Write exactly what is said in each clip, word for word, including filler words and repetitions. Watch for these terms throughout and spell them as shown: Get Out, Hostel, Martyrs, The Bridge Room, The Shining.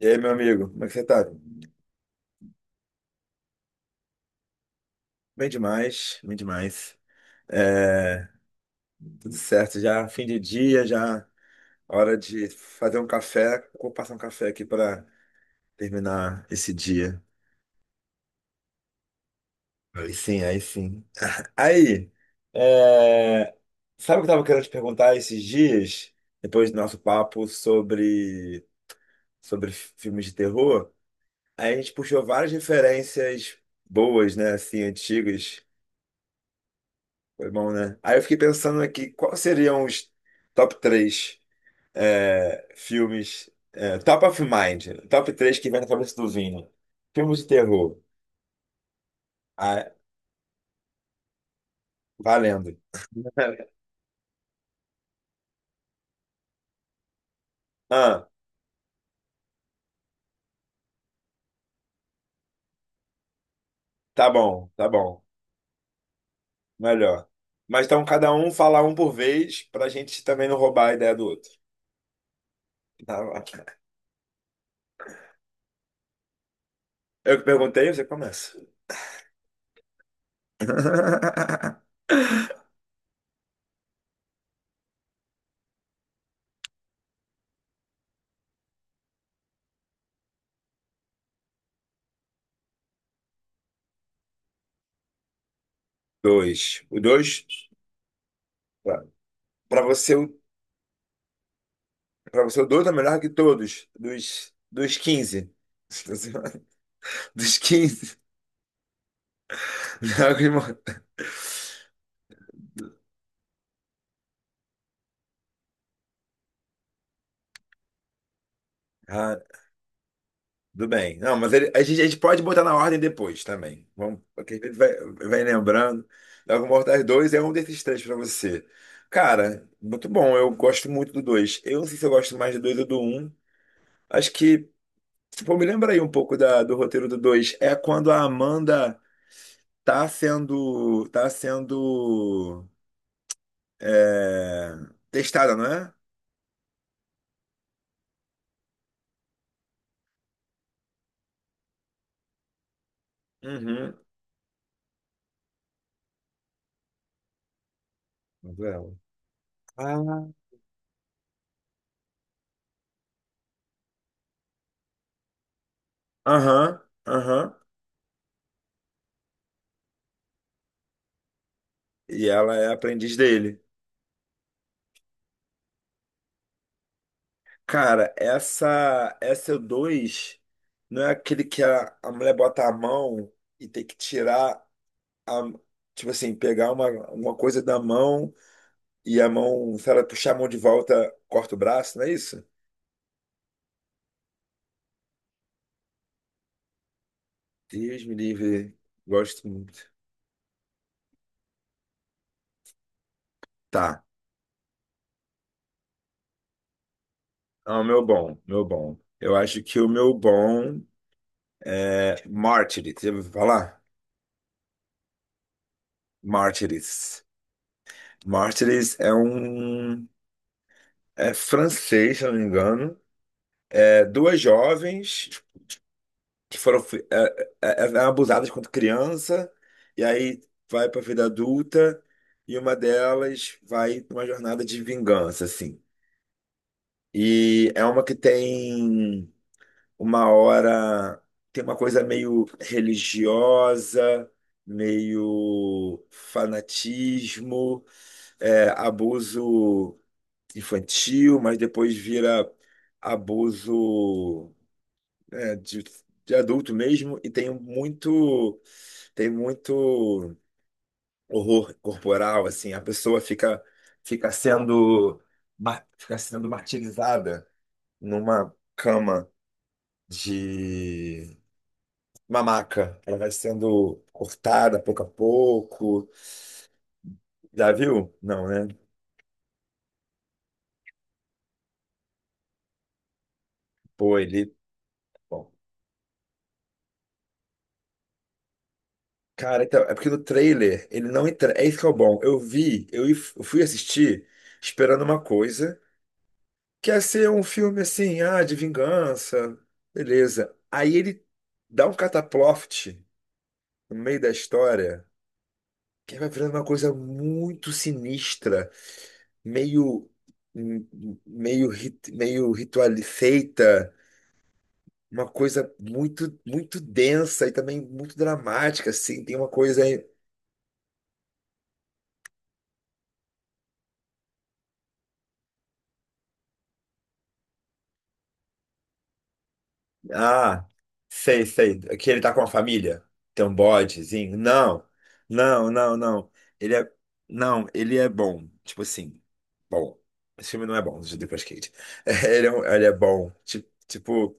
E aí, meu amigo, como é que você tá? Bem demais, bem demais. É, tudo certo, já fim de dia, já hora de fazer um café. Vou passar um café aqui para terminar esse dia. Aí sim, aí sim. Aí, é, sabe o que eu tava querendo te perguntar esses dias, depois do nosso papo sobre, sobre filmes de terror? Aí a gente puxou várias referências boas, né, assim, antigas. Foi bom, né? Aí eu fiquei pensando aqui, quais seriam os top três, é, filmes, é, top of mind, top três que vem na cabeça do Vini. Filmes de terror. Ah, valendo. Ah, tá bom, tá bom. Melhor. Mas então cada um falar um por vez pra gente também não roubar a ideia do outro. Tá bom. Eu que perguntei, você começa. Dois. O dois, pra pra você, o. Pra você, o dois é melhor que todos. Dos, dos quinze. Dos quinze. Melhor que o irmão. Ah, tudo bem. Não, mas ele- a gente, a gente pode botar na ordem depois também. Vamos, porque a gente vai, vai lembrando. Dragon Ball Mortais dois é um desses três pra você. Cara, muito bom. Eu gosto muito do dois. Eu não sei se eu gosto mais do dois ou do um. Acho que, tipo, me lembra aí um pouco da, do roteiro do dois. É quando a Amanda tá sendo. Tá sendo. É, testada, não é? Uhum. Manuela. Ah. Aham, aham. E ela é aprendiz dele. Cara, essa essa dois, não é aquele que a, a mulher bota a mão e tem que tirar a, tipo assim, pegar uma, uma coisa da mão e a mão, se ela puxar a mão de volta, corta o braço, não é isso? Deus me livre, gosto muito. Tá. Ah, o meu bom, meu bom. Eu acho que o meu bom é Mártires. Você ouviu falar? Mártires. Martyrs é um. É francês, se eu não me engano. É duas jovens que foram fi- é, é, é, é abusadas quando criança, e aí vai para a vida adulta, e uma delas vai pra uma jornada de vingança, assim. E é uma que tem uma hora. Tem uma coisa meio religiosa, meio fanatismo, é, abuso infantil, mas depois vira abuso, né, de, de adulto mesmo, e tem muito, tem muito horror corporal, assim, a pessoa fica, fica sendo, ma- fica sendo martirizada numa cama de uma maca. Ela vai sendo cortada pouco a pouco. Já viu? Não, né? Pô, ele. Cara, então, é porque no trailer ele não entra. É isso que é o bom. Eu vi, eu if- eu fui assistir esperando uma coisa, que ia ser um filme assim, ah, de vingança, beleza. Aí ele dá um cataploft no meio da história, que vai virando uma coisa muito sinistra, meio, m- m- meio, rit- meio ritual feita, uma coisa muito, muito densa e também muito dramática, assim. Tem uma coisa. Ah, sei, sei. Que ele tá com a família. Tem um bodezinho. Não, não, não, não. Ele é. Não, ele é bom. Tipo assim, bom. Esse filme não é bom, de Nicolas Cage. Ele é, um- ele é bom. Ti- Tipo,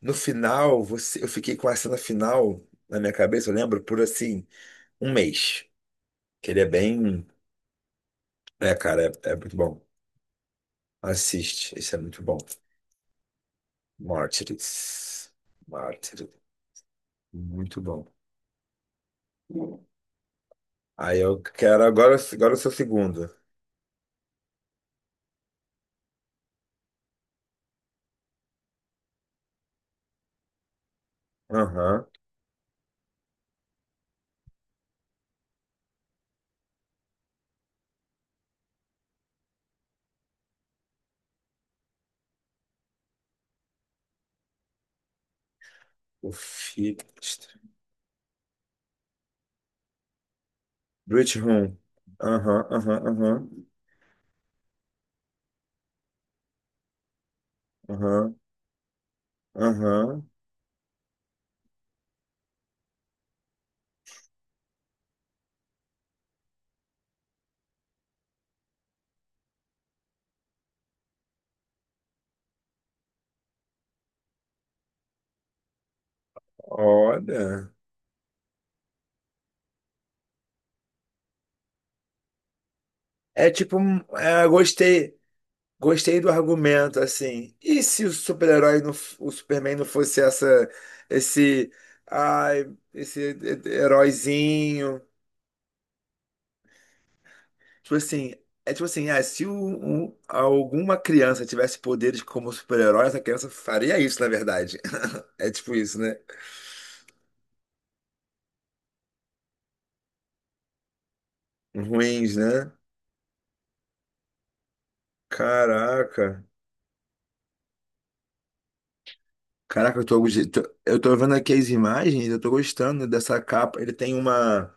no final, você, eu fiquei com a cena final na minha cabeça, eu lembro, por assim, um mês. Que ele é bem. É, cara, é, é muito bom. Assiste, isso é muito bom. Mártires. Mártires. Muito bom. Aí eu quero agora, agora o seu segundo. Aham. O Fitch. Bridge Room. Aham, aham, aham. Aham, aham. Olha. É tipo, um- é, gostei, gostei do argumento, assim. E se o super-herói, não f- o Superman não fosse essa, esse, ai, esse heróizinho? Tipo assim, é tipo assim, ah, se o- o- alguma criança tivesse poderes como super-herói, essa criança faria isso, na verdade. É tipo isso, né? Ruins, né? Caraca. Caraca, eu tô, gost- tô- eu tô vendo aqui as imagens, eu tô gostando dessa capa. Ele tem uma.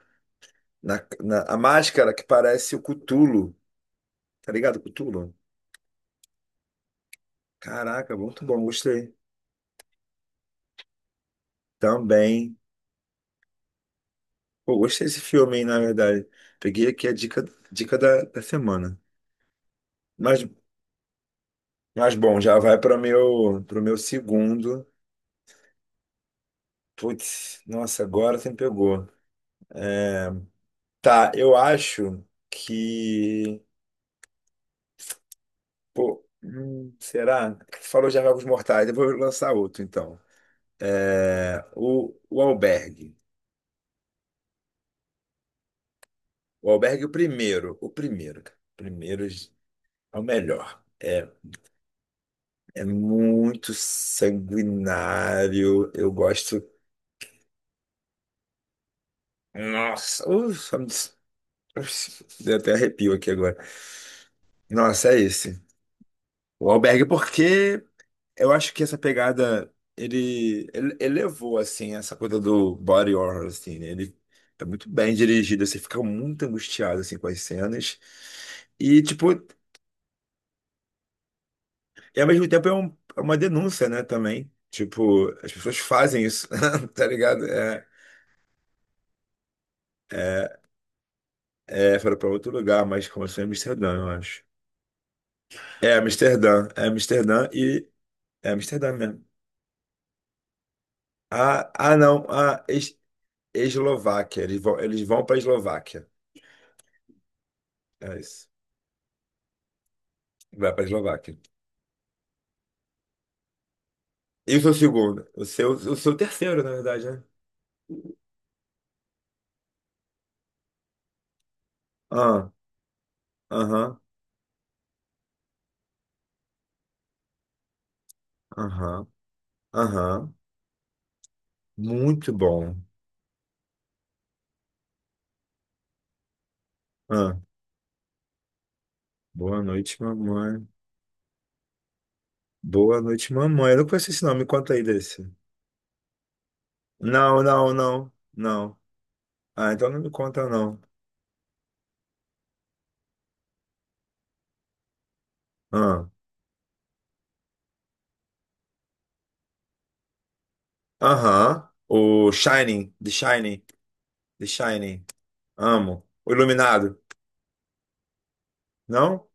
Na, na- a máscara que parece o Cthulhu. Tá ligado, Cthulhu? Caraca, muito bom, gostei. Também. Pô, gostei desse filme, hein, na verdade. Peguei aqui a dica, dica da, da semana. Mas, mas bom, já vai para meu, pro meu segundo. Putz, nossa, agora você me pegou. Tá, eu acho que. Pô, hum, será? Você falou já Jogos Mortais, eu vou lançar outro então. É, o, o Albergue. O Albergue, é o primeiro. O primeiro, cara. O primeiro é o melhor. É, é muito sanguinário. Eu gosto. Nossa, ufa, ufa, deu até arrepio aqui agora. Nossa, é esse. O Albergue, porque eu acho que essa pegada, ele, ele elevou, assim, essa coisa do body horror, assim, né? Ele é muito bem dirigido, você fica muito angustiado, assim, com as cenas. E, tipo, e ao mesmo tempo é, um- é uma denúncia, né, também. Tipo, as pessoas fazem isso, tá ligado? É, é, foram pra outro lugar, mas começou em Amsterdã, eu acho. É, Amsterdã, é Amsterdã e... É Amsterdã mesmo. Ah, ah não, ah, Es- Eslováquia, eles vão, eles vão pra Eslováquia. É isso. Vai pra Eslováquia. Isso é o segundo. O seu, o seu terceiro, na verdade, né? Ah, aham, aham, aham. Muito bom. Ah, boa noite, mamãe. Boa noite, mamãe. Eu não conheço esse nome. Me conta aí desse. Não, não, não, não. Ah, então não me conta, não. Ah, aham. O Shining, The Shining, The Shining. Amo. O Iluminado. Não?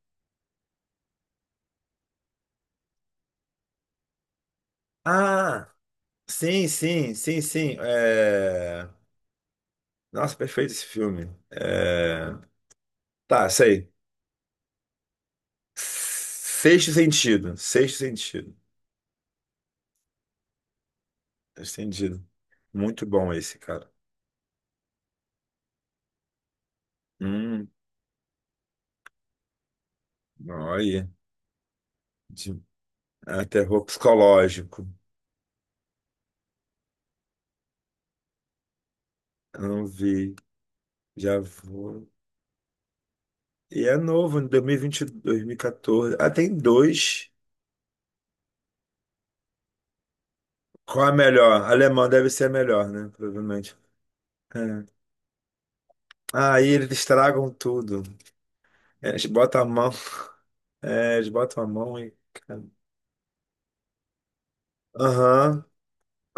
Ah, sim, sim, sim, sim. É... Nossa, perfeito esse filme. É... Tá, sei. Sexto sentido. Sexto sentido. Sexto sentido. Muito bom esse, cara. Hum, olha. De, é terror psicológico. Eu não vi. Já vou. E é novo, em dois mil e catorze. Ah, tem dois. Qual é a melhor? Alemão deve ser a melhor, né? Provavelmente. É. Aí eles estragam tudo. É, eles botam a mão. É, eles botam a mão e, cara. Aham,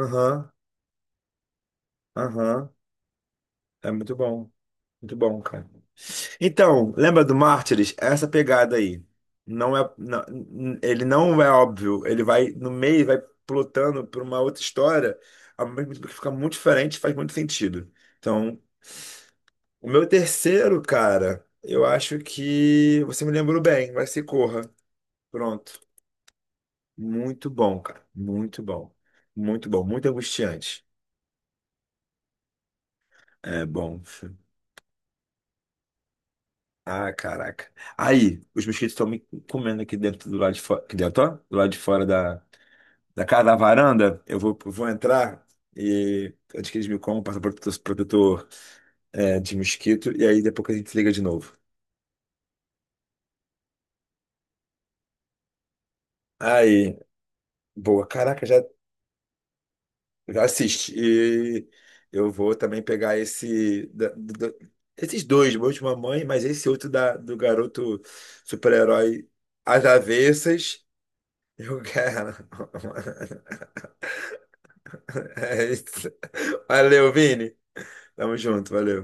aham, aham. É muito bom. Muito bom, cara. Então, lembra do Mártires? É essa pegada aí. Não é, não- ele não é óbvio. Ele vai no meio, e vai plotando por uma outra história, ao mesmo tempo que fica muito diferente, faz muito sentido. Então, o meu terceiro, cara, eu acho que você me lembrou bem. Vai ser Corra. Pronto. Muito bom, cara. Muito bom. Muito bom. Muito angustiante. É bom. Ah, caraca. Aí, os mosquitos estão me comendo aqui dentro do lado de fora. Aqui dentro, ó, do lado de fora da, da casa, da varanda. Eu vou, eu vou entrar e antes que eles me comam, passa protetor, protetor, é, de mosquito. E aí depois que a gente se liga de novo. Aí, boa. Caraca, já, já assiste. E eu vou também pegar esse. Da- do- do- esses dois, meu de mamãe, mas esse outro da, do garoto super-herói às avessas. Eu quero. É isso. Valeu, Vini. Tamo junto, valeu.